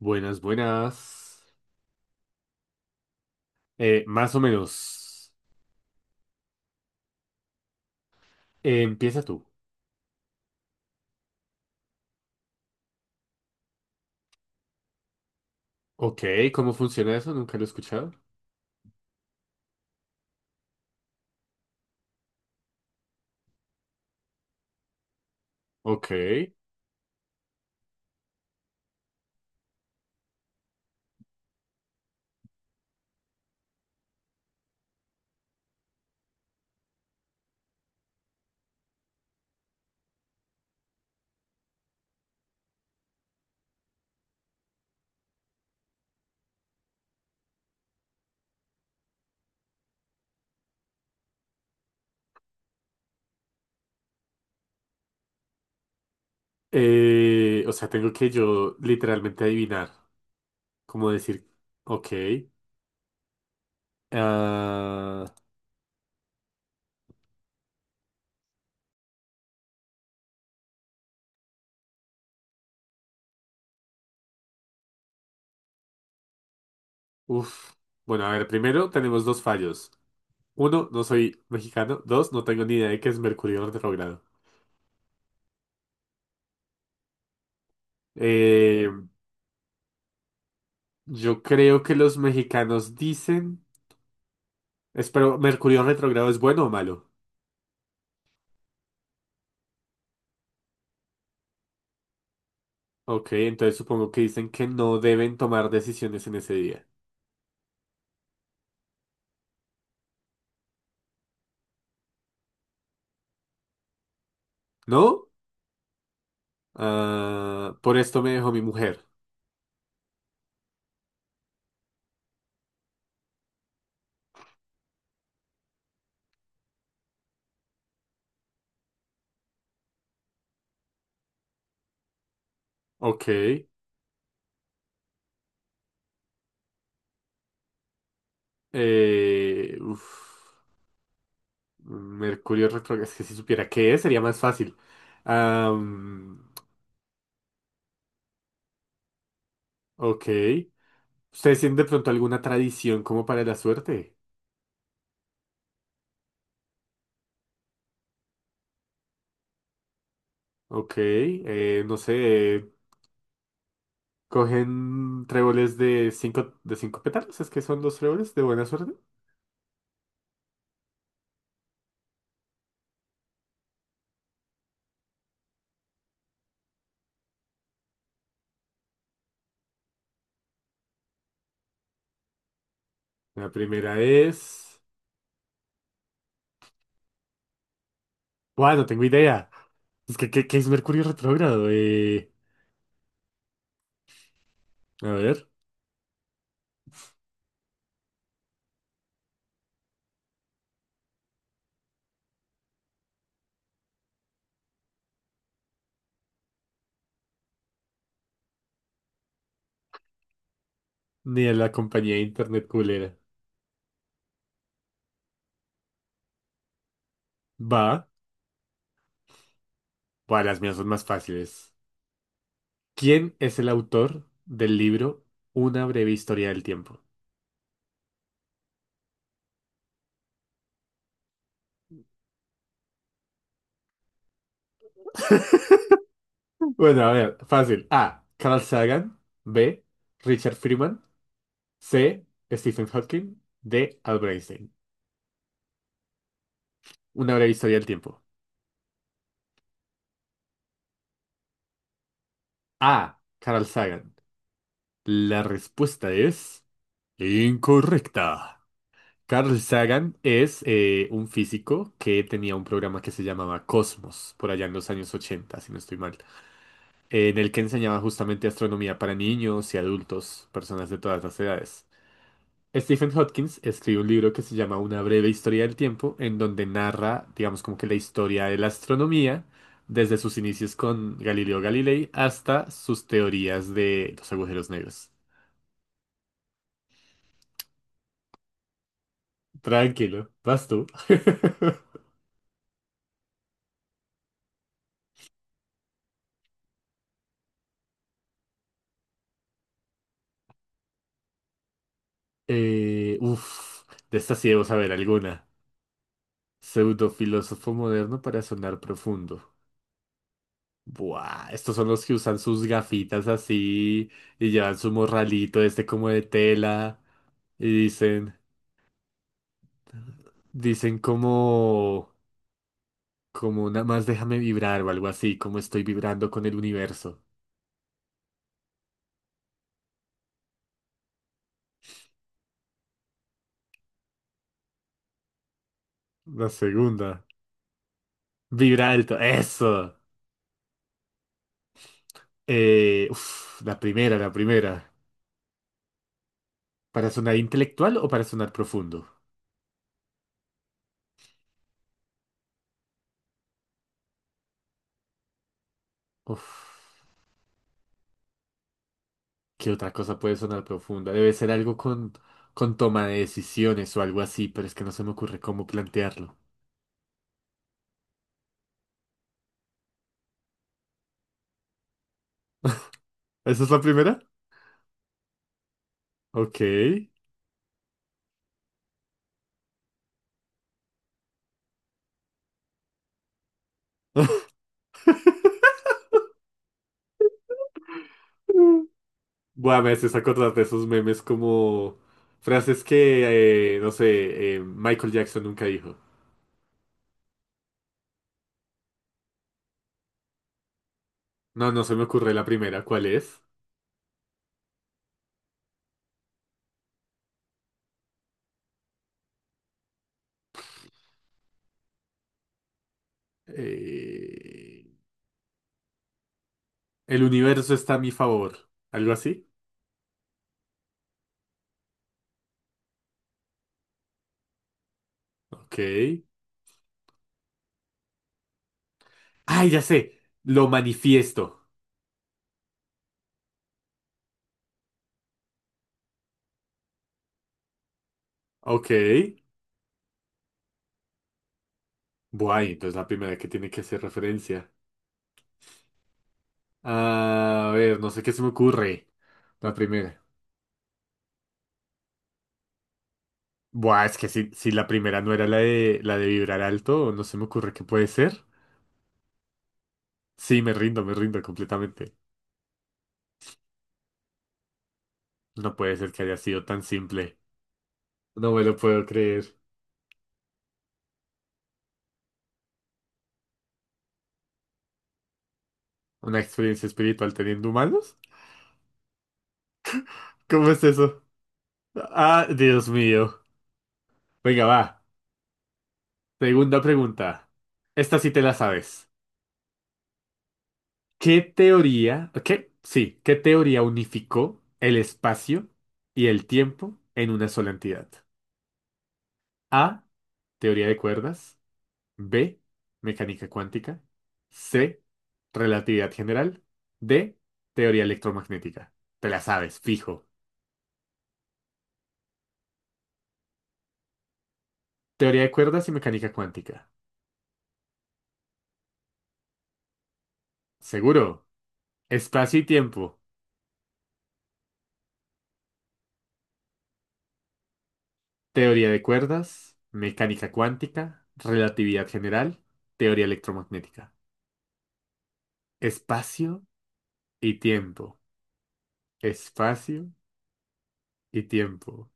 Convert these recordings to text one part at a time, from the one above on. Buenas, buenas. Más o menos. Empieza tú. Ok, ¿cómo funciona eso? Nunca lo he escuchado. Ok. O sea, tengo que yo literalmente adivinar. Como decir, ok. Ah, uf. Bueno, a ver, primero tenemos dos fallos. Uno, no soy mexicano. Dos, no tengo ni idea de qué es Mercurio retrógrado. Eh, yo creo que los mexicanos dicen... Espero, ¿Mercurio retrógrado es bueno o malo? Ok, entonces supongo que dicen que no deben tomar decisiones en ese día. ¿No? Ah, por esto me dejó mi mujer. Ok. Uf, Mercurio retrógrado. Es que si supiera qué es, sería más fácil. Am, ok. ¿Ustedes tienen de pronto alguna tradición como para la suerte? Ok. No sé. ¿Cogen tréboles de cinco pétalos? ¿Es que son los tréboles de buena suerte? La primera es. Bueno, tengo idea. Es que, qué es Mercurio retrógrado? A ver, ni a la compañía de internet culera. Va. Bueno, las mías son más fáciles. ¿Quién es el autor del libro Una breve historia del tiempo? Bueno, a ver, fácil. A. Carl Sagan. B. Richard Freeman. C. Stephen Hawking. D. Albert Einstein. Una breve historia del tiempo. A. Carl Sagan. La respuesta es incorrecta. Carl Sagan es un físico que tenía un programa que se llamaba Cosmos, por allá en los años 80, si no estoy mal, en el que enseñaba justamente astronomía para niños y adultos, personas de todas las edades. Stephen Hawking escribe un libro que se llama Una breve historia del tiempo, en donde narra, digamos, como que la historia de la astronomía, desde sus inicios con Galileo Galilei hasta sus teorías de los agujeros negros. Tranquilo, vas tú. Uf, de esta sí debo saber alguna. Pseudofilósofo moderno para sonar profundo. Buah, estos son los que usan sus gafitas así y llevan su morralito este como de tela y dicen, dicen como, como nada más déjame vibrar o algo así, como estoy vibrando con el universo. La segunda. Vibra alto, eso. Uf, la primera. ¿Para sonar intelectual o para sonar profundo? Uf. ¿Qué otra cosa puede sonar profunda? Debe ser algo con toma de decisiones o algo así, pero es que no se me ocurre cómo plantearlo. ¿Esa es la primera? Ok. Mm. Buah, me haces acordar de esos memes como frases que, no sé, Michael Jackson nunca dijo. No, no se me ocurre la primera. ¿Cuál es? Eh, el universo está a mi favor. ¿Algo así? Ok. ¡Ay, ya sé! Lo manifiesto. Ok. Buah, y entonces la primera que tiene que hacer referencia. Ah, a ver, no sé qué se me ocurre. La primera. Buah, es que si la primera no era la de vibrar alto, no se me ocurre qué puede ser. Sí, me rindo completamente. No puede ser que haya sido tan simple. No me lo puedo creer. ¿Una experiencia espiritual teniendo humanos? ¿Cómo es eso? Ah, Dios mío. Venga, va. Segunda pregunta. Esta sí te la sabes. ¿Qué teoría unificó el espacio y el tiempo en una sola entidad? A, teoría de cuerdas. B, mecánica cuántica. C, relatividad general. D, teoría electromagnética. Te la sabes, fijo. Teoría de cuerdas y mecánica cuántica. Seguro. Espacio y tiempo. Teoría de cuerdas, mecánica cuántica, relatividad general, teoría electromagnética. Espacio y tiempo. Espacio y tiempo.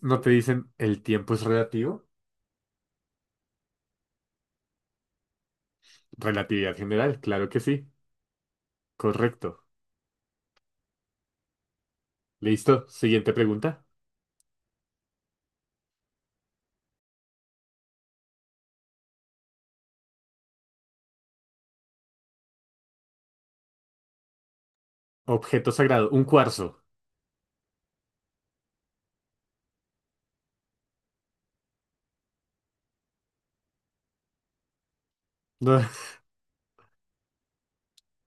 ¿No te dicen el tiempo es relativo? Relatividad general, claro que sí. Correcto. Listo, siguiente pregunta. Objeto sagrado, un cuarzo. No.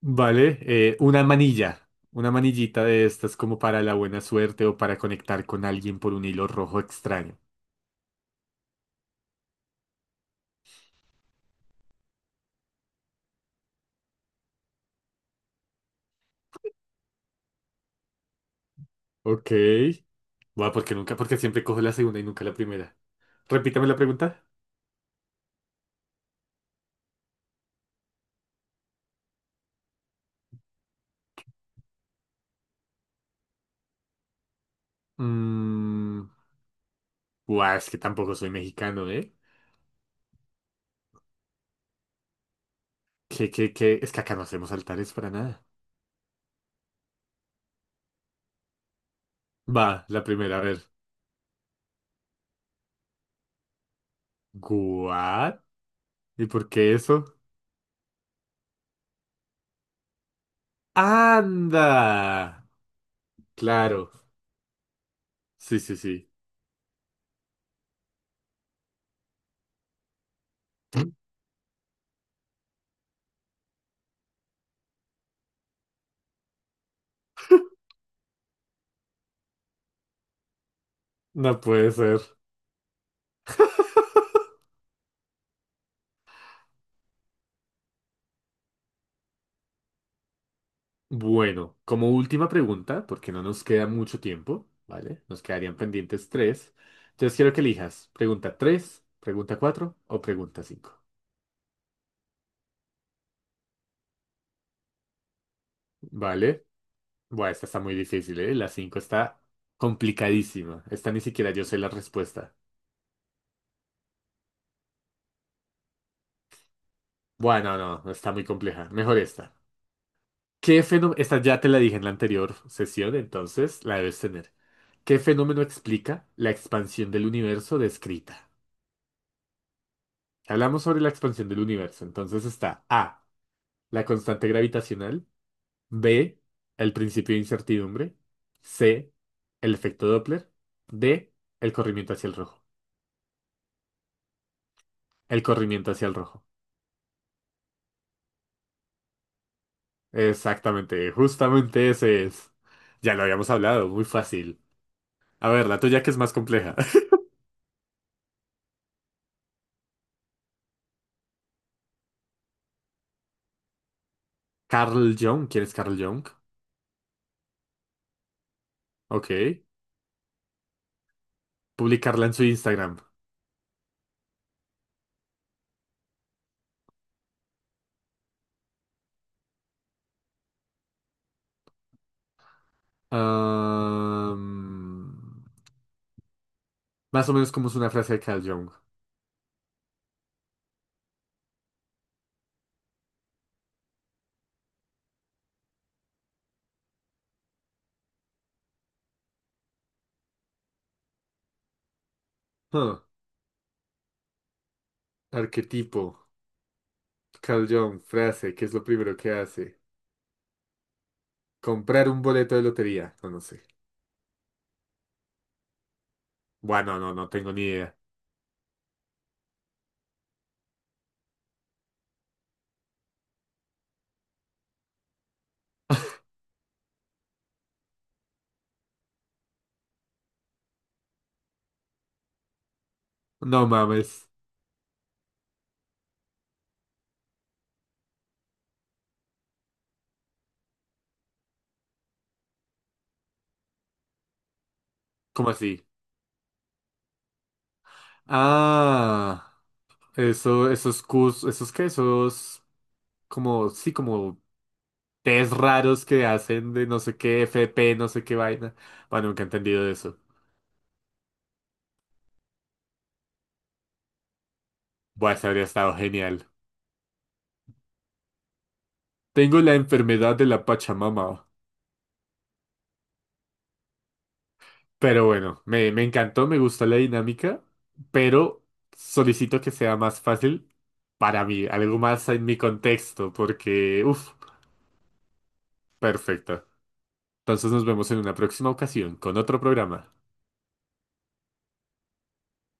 Vale, una manilla, una manillita de estas como para la buena suerte o para conectar con alguien por un hilo rojo extraño. Ok. Bueno, porque nunca, porque siempre cojo la segunda y nunca la primera. Repítame la pregunta. Mm, buah, es que tampoco soy mexicano, ¿eh? ¿Qué? Es que acá no hacemos altares para nada. Va, la primera, a ver. ¿What? ¿Y por qué eso? ¡Anda! Claro. Sí, sí, sí. No puede ser. Bueno, como última pregunta, porque no nos queda mucho tiempo, ¿vale? Nos quedarían pendientes tres. Entonces quiero que elijas pregunta tres, pregunta cuatro o pregunta cinco. ¿Vale? Bueno, esta está muy difícil, ¿eh? La cinco está complicadísima. Esta ni siquiera yo sé la respuesta. Bueno, no, no, está muy compleja. Mejor esta. ¿Qué fenómeno? Esta ya te la dije en la anterior sesión, entonces la debes tener. ¿Qué fenómeno explica la expansión del universo descrita? Hablamos sobre la expansión del universo, entonces está A, la constante gravitacional, B, el principio de incertidumbre, C, el efecto Doppler, D, el corrimiento hacia el rojo. El corrimiento hacia el rojo. Exactamente, justamente ese es. Ya lo habíamos hablado, muy fácil. A ver, la tuya que es más compleja. Carl Jung, ¿quién es Carl Jung? Ok. Publicarla en su Instagram. Am, más o menos como es una frase de Carl Jung. Huh. Arquetipo. Carl Jung, frase, ¿qué es lo primero que hace? Comprar un boleto de lotería. No, no sé. Bueno, no tengo ni idea. No mames. ¿Cómo así? Ah, eso, esos cus, esos qué, esos como, sí, como test raros que hacen de no sé qué, FP, no sé qué vaina. Bueno, nunca he entendido eso. Bueno, eso habría estado genial. Tengo la enfermedad de la Pachamama, pero bueno, me encantó, me gustó la dinámica, pero solicito que sea más fácil para mí, algo más en mi contexto, porque, uff, perfecto. Entonces nos vemos en una próxima ocasión con otro programa.